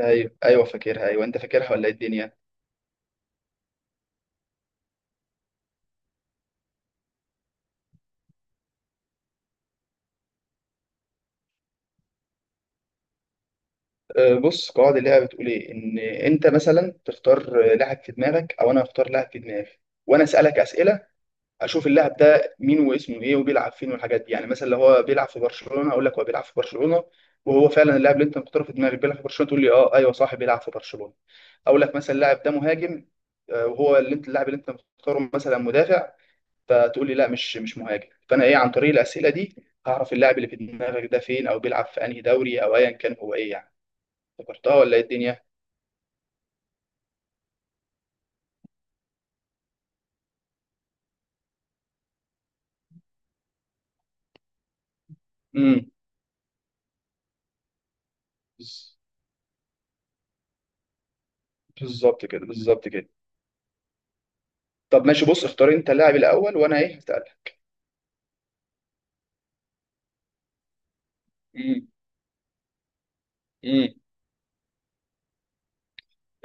ايوه، ايوه، فاكرها. ايوه، انت فاكرها ولا ايه الدنيا؟ بص، قواعد اللعبه بتقول ايه؟ ان انت مثلا تختار لاعب في دماغك، او انا اختار لاعب في دماغي، وانا اسالك اسئله، اشوف اللاعب ده مين واسمه ايه وبيلعب فين والحاجات دي. يعني مثلا لو هو بيلعب في برشلونه، اقول لك هو بيلعب في برشلونه. وهو فعلا اللاعب اللي انت مختاره في دماغك بيلعب في برشلونه، تقول لي اه، ايوه، صح، بيلعب في برشلونه. اقول لك مثلا اللاعب ده مهاجم، وهو اللي انت اللاعب اللي انت مختاره مثلا مدافع، فتقول لي لا، مش مهاجم. فانا ايه، عن طريق الاسئله دي هعرف اللاعب اللي في دماغك ده فين او بيلعب في انهي دوري او ايا كان هو ايه يعني. افتكرتها ولا ايه الدنيا؟ امم. بز- بالظبط كده، بالظبط كده. طب ماشي، بص، اختار انت اللاعب الاول وانا ايه هسالك. امم. امم.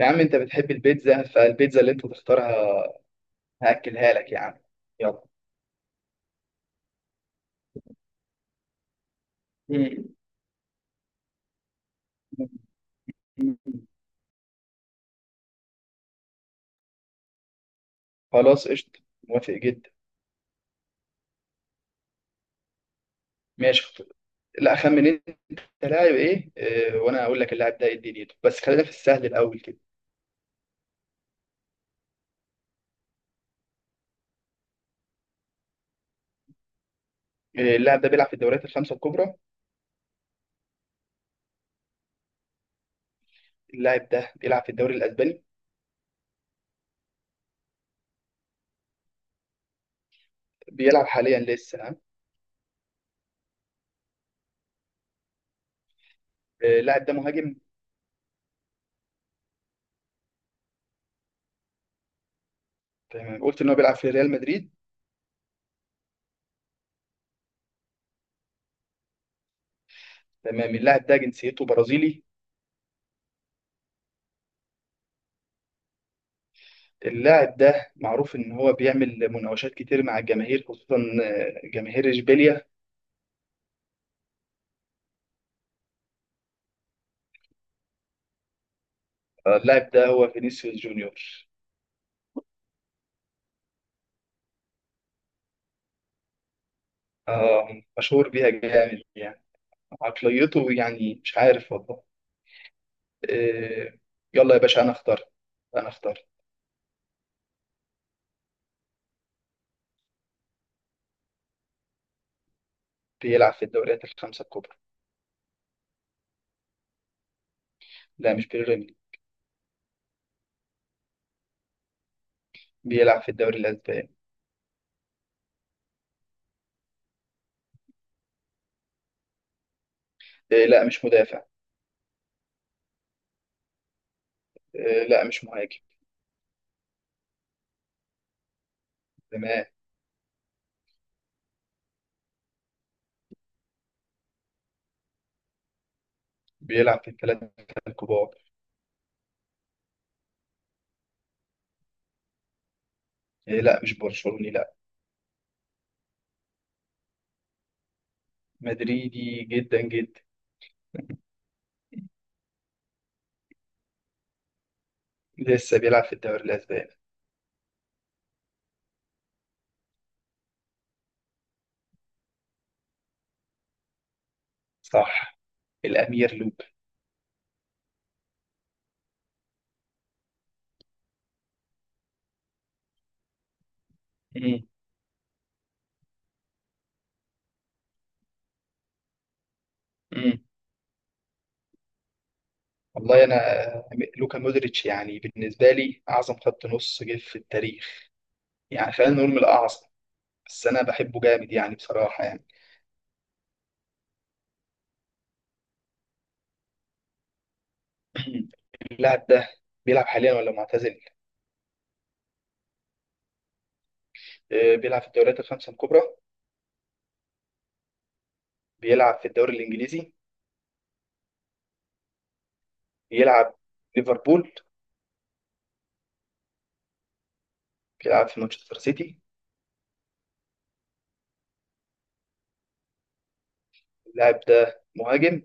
يا عم انت بتحب البيتزا، فالبيتزا اللي انت تختارها هاكلها لك يا عم. يلا. مم. مم. خلاص، قشطه. موافق جدا. ماشي، لا، اخمن انت لاعب ايه، وانا اقول لك اللاعب ده ايه دنيته. بس خلينا في السهل الاول كده. اللاعب ده بيلعب في الدوريات الخمسة الكبرى. اللاعب ده بيلعب في الدوري الأسباني. بيلعب حاليا لسه، ها. اللاعب ده مهاجم. تمام، قلت إن هو بيلعب في ريال مدريد. تمام. اللاعب ده جنسيته برازيلي. اللاعب ده معروف إن هو بيعمل مناوشات كتير مع الجماهير، خصوصا جماهير إشبيليا. اللاعب ده هو فينيسيوس جونيور. مشهور بيها جامد يعني. عقليته يعني مش عارف والله. آه، يلا يا باشا، أنا اختار، أنا اختار. بيلعب في الدوريات الخمسة الكبرى. لا، مش بيراميدز. بيلعب في الدوري الأسباني. إيه، لا، مش مدافع. إيه، لا، مش مهاجم. تمام. بيلعب في الثلاثة الكبار. إيه، لا، مش برشلوني، لا. مدريدي جدا جدا. لسه بيلعب في الدوري الأسباني. صح. الأمير لوكا. مم. مم. والله أنا، لوكا مودريتش يعني بالنسبة لي أعظم خط نص جه في التاريخ. يعني خلينا نقول من الأعظم. بس أنا بحبه جامد يعني، بصراحة يعني. اللاعب ده بيلعب حاليا ولا معتزل؟ بيلعب في الدوريات الخمسة الكبرى. بيلعب في الدوري الإنجليزي. بيلعب ليفربول. بيلعب في مانشستر سيتي. اللاعب ده مهاجم؟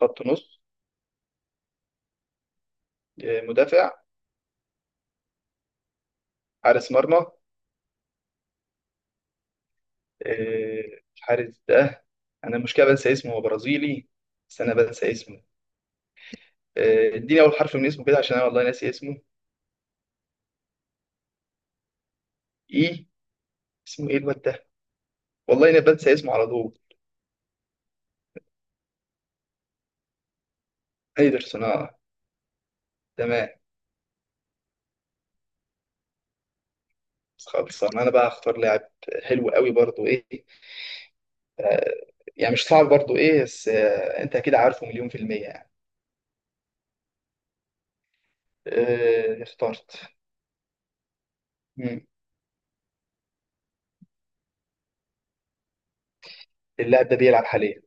خط نص؟ مدافع؟ حارس مرمى. الحارس ده، انا المشكله بنسى اسمه، هو برازيلي بس انا بنسى اسمه. اديني اول حرف من اسمه كده عشان انا والله ناسي اسمه. ايه، اسمه ايه الواد ده؟ والله انا بنسى اسمه على طول. ايدرسون، اه. تمام خالص. انا بقى هختار لاعب. حلو قوي برضو، ايه. آه، يعني مش صعب برضو، ايه، بس انت اكيد عارفه مليون في المية يعني. اخترت. اللاعب ده بيلعب حاليا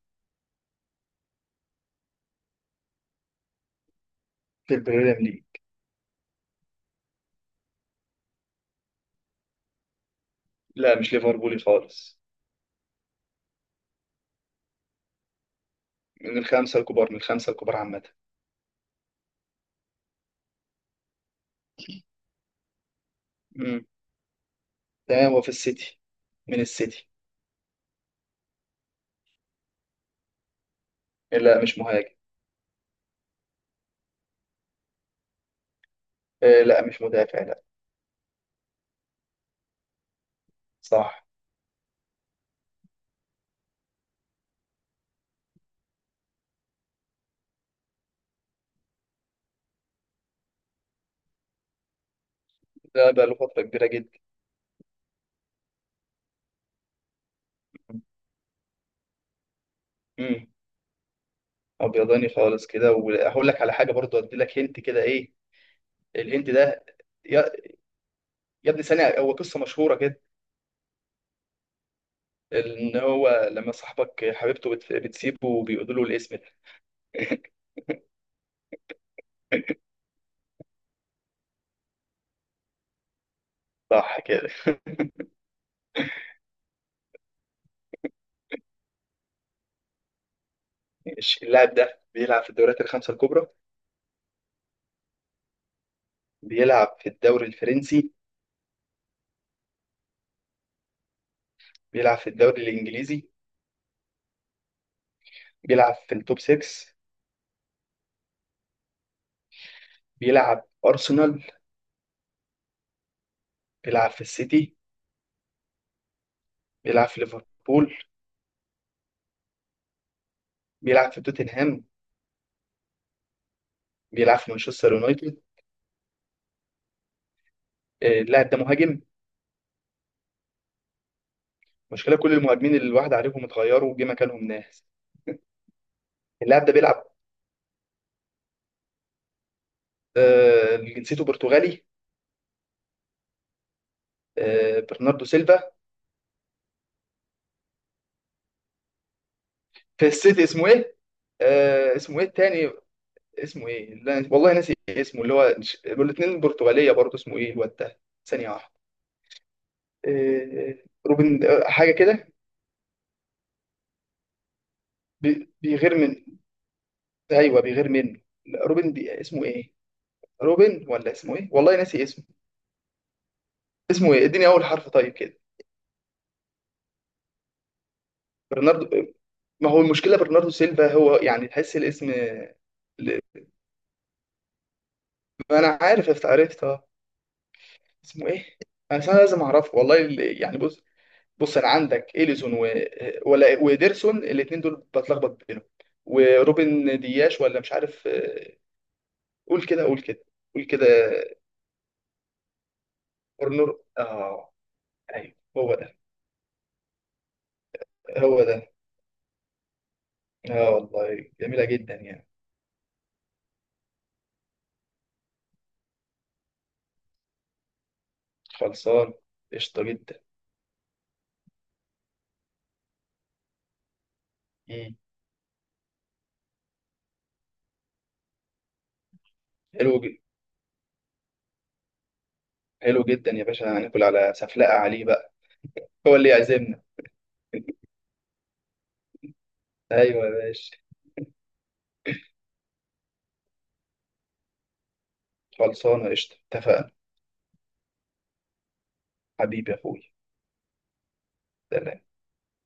في البريمير ليج. لا، مش ليفربولي خالص. من الخمسة الكبار، من الخمسة الكبار عامة. امم. تمام، وفي السيتي، من السيتي. لا، مش مهاجم. لا، مش مدافع، لا. صح. ده بقى له فترة كبيرة جدا. امم. ابيضاني خالص كده، وهقول لك على حاجة برضو، ادي لك هنت كده، ايه. الهنت ده، يا يا ابني، ثانية، هو قصة مشهورة كده. ان هو لما صاحبك حبيبته بتسيبه وبيقولوا له الاسم ده. صح كده. ماشي. اللاعب ده بيلعب في الدوريات الخمسة الكبرى. بيلعب في الدوري الفرنسي. بيلعب في الدوري الإنجليزي. بيلعب في التوب 6. بيلعب أرسنال. بيلعب في السيتي. بيلعب في ليفربول. بيلعب في توتنهام. بيلعب في مانشستر يونايتد. اللاعب ده مهاجم. مشكلة كل المهاجمين اللي الواحد عليهم اتغيروا وجه مكانهم ناس. اللاعب ده بيلعب، جنسيته برتغالي. برناردو سيلفا. في السيتي، اسمه ايه؟ اسمه ايه التاني؟ اسمه ايه؟ لا والله ناسي اسمه، اللي هو الاثنين برتغالية برضه. اسمه ايه الواد ده؟ ثانية واحدة. آه، روبن، حاجه كده. بيغير من، ايوه بيغير منه. لا، روبن اسمه ايه؟ روبن، ولا اسمه ايه، والله ناسي اسمه. اسمه ايه؟ اديني اول حرف طيب كده. برناردو، ما هو المشكله برناردو سيلفا، هو يعني تحس الاسم ل- ما انا عارف، عرفت، اه. اسمه ايه؟ أصل انا لازم اعرفه والله. يعني بص، بص، انا عندك اليسون ولا وديرسون، الاثنين دول بتلخبط بينهم. وروبن دياش، ولا مش عارف. قول كده، قول كده، قول كده. كورنر، اه. ايوه هو ده، هو ده. اه والله جميلة جدا يعني. خلصان. قشطة جدا. مم. حلو جدا، حلو جدا يا باشا. هناكل على سفلقة عليه بقى، هو اللي يعزمنا. ايوه يا باشا. خلصانة قشطة. اتفقنا. حبيبي يا اخوي. سلام.